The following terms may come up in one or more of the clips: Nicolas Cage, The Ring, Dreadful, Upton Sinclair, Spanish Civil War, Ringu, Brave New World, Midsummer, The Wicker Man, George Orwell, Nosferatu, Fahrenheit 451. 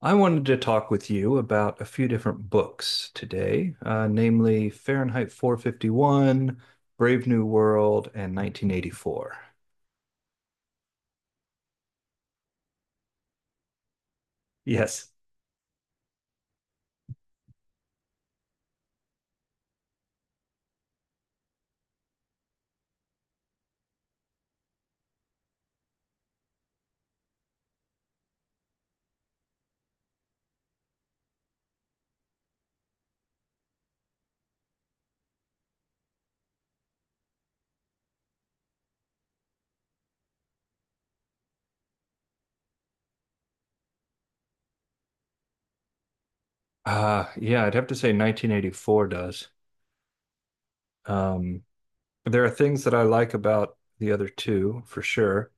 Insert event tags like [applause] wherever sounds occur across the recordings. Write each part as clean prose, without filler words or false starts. I wanted to talk with you about a few different books today, namely Fahrenheit 451, Brave New World, and 1984. Yes. Yeah, I'd have to say 1984 does. Um, there are things that I like about the other two for sure.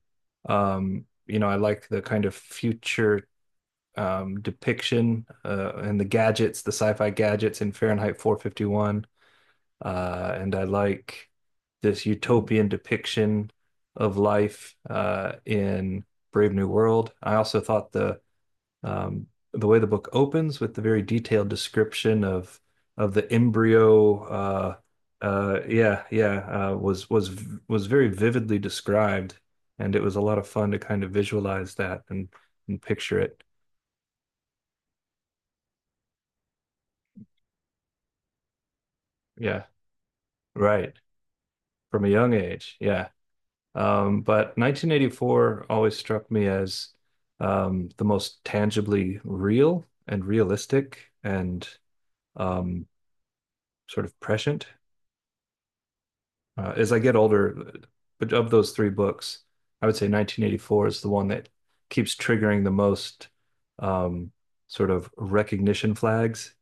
You know, I like the kind of future depiction and the gadgets, the sci-fi gadgets in Fahrenheit 451. And I like this utopian depiction of life in Brave New World. I also thought um, the way the book opens with the very detailed description of the embryo, uh, yeah, yeah, uh, was was was very vividly described, and it was a lot of fun to kind of visualize that and picture it. Yeah, right. From a young age. Yeah. But 1984 always struck me as the most tangibly real and realistic and um, sort of prescient. As I get older, but of those three books, I would say 1984 is the one that keeps triggering the most um, sort of recognition flags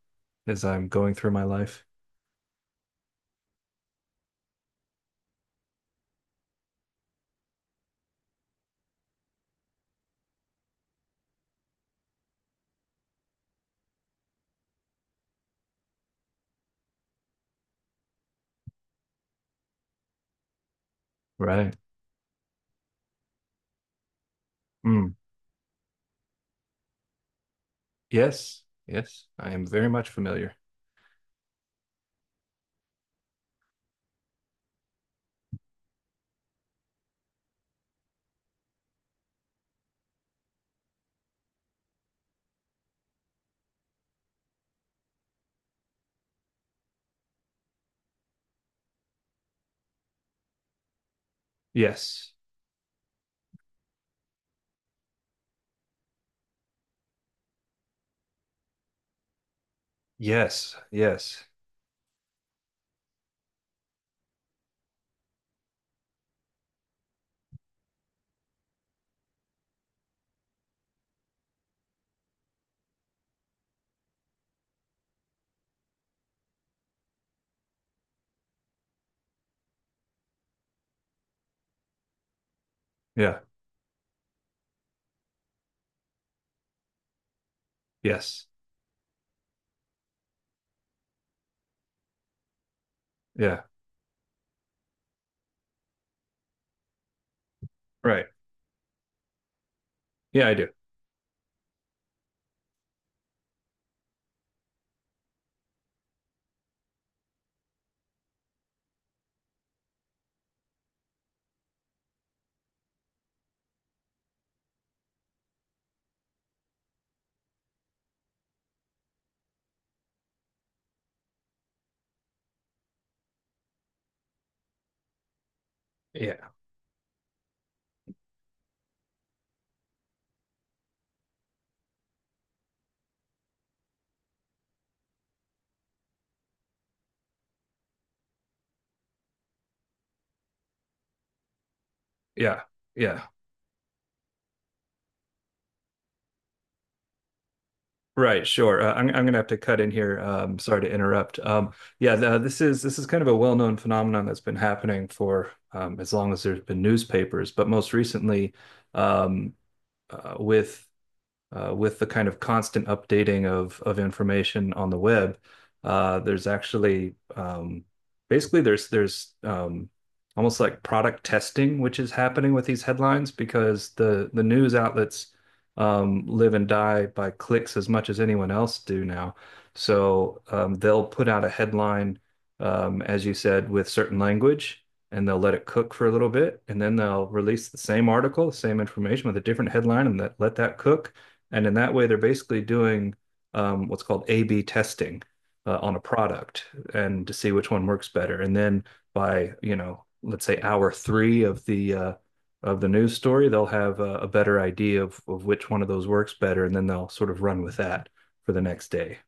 as I'm going through my life. Right. Mm. Yes. Yes. I am very much familiar. Yes. Yes. Yes. Yeah. Yes. Yeah. Right. Yeah, I do. Yeah. Yeah. Yeah. Right. Sure. I'm gonna have to cut in here. Sorry to interrupt. Yeah. The, this is kind of a well-known phenomenon that's been happening for as long as there's been newspapers, but most recently, um, uh, with with the kind of constant updating of information on the web, there's actually basically there's almost like product testing which is happening with these headlines because the news outlets live and die by clicks as much as anyone else do now. So they'll put out a headline, as you said, with certain language. And they'll let it cook for a little bit, and then they'll release the same article, the same information with a different headline, and let that cook, and in that way, they're basically doing what's called A/B testing on a product and to see which one works better. And then by, you know, let's say hour three of the news story, they'll have a better idea of which one of those works better, and then they'll sort of run with that for the next day.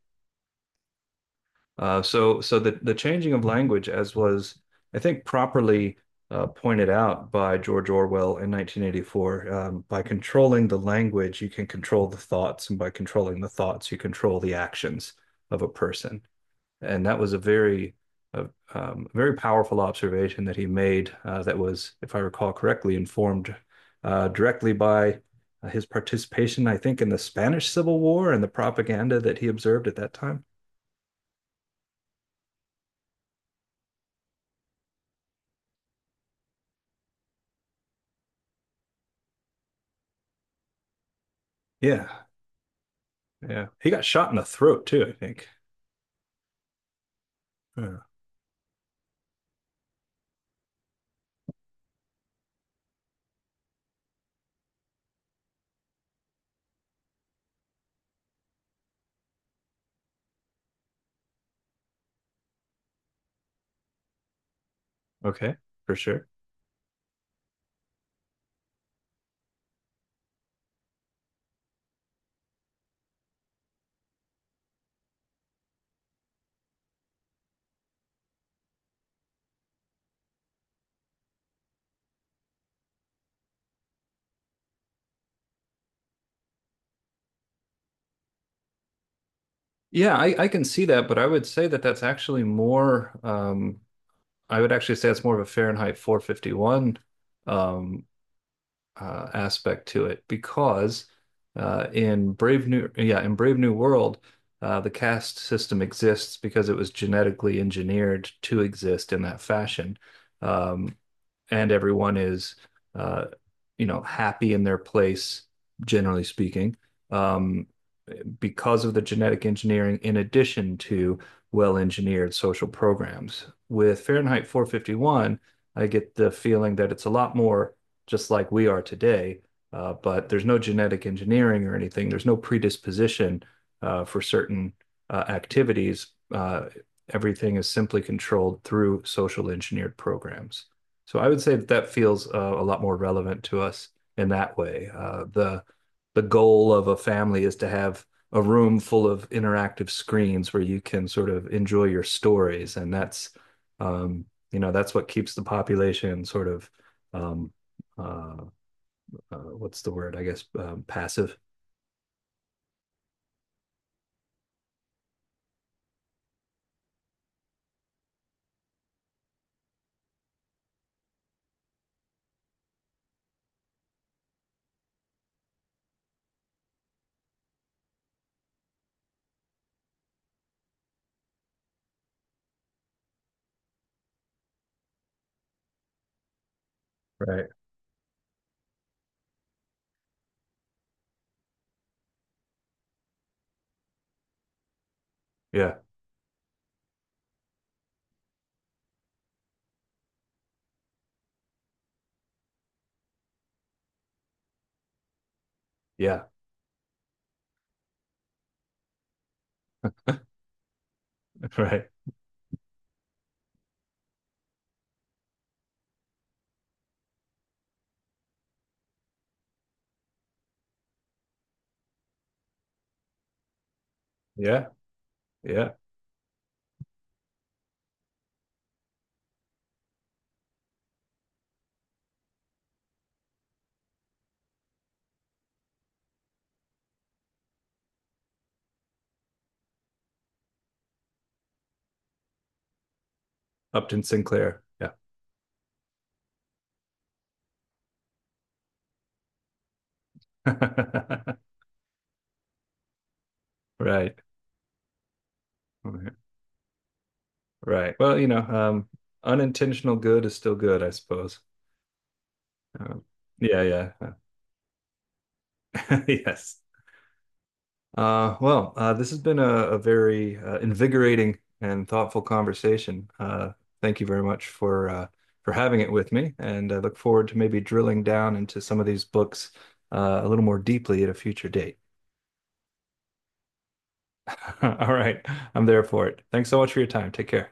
So the changing of language, as was I think properly pointed out by George Orwell in 1984, by controlling the language, you can control the thoughts, and by controlling the thoughts, you control the actions of a person. And that was a very powerful observation that he made that was, if I recall correctly, informed directly by his participation, I think, in the Spanish Civil War and the propaganda that he observed at that time. Yeah, yeah. He got shot in the throat too, I think. Yeah. Okay, for sure. Yeah, I can see that, but I would say that that's actually more, I would actually say it's more of a Fahrenheit 451 um, aspect to it because in Brave New World, the caste system exists because it was genetically engineered to exist in that fashion. Um, and everyone is uh, you know, happy in their place, generally speaking, um, because of the genetic engineering, in addition to well-engineered social programs. With Fahrenheit 451, I get the feeling that it's a lot more just like we are today, but there's no genetic engineering or anything. There's no predisposition for certain activities. Everything is simply controlled through social engineered programs. So I would say that that feels a lot more relevant to us in that way. The goal of a family is to have a room full of interactive screens where you can sort of enjoy your stories, and that's um, you know, that's what keeps the population sort of um, uh, what's the word? I guess passive. Right. Yeah. Yeah. [laughs] Right. Yeah. Yeah. Upton Sinclair. Yeah. [laughs] Right. Okay. Right. Well, you know, unintentional good is still good, I suppose. Um, yeah, yeah. [laughs] Yes. Well, this has been a very invigorating and thoughtful conversation. Thank you very much for having it with me, and I look forward to maybe drilling down into some of these books a little more deeply at a future date. [laughs] All right, I'm there for it. Thanks so much for your time. Take care.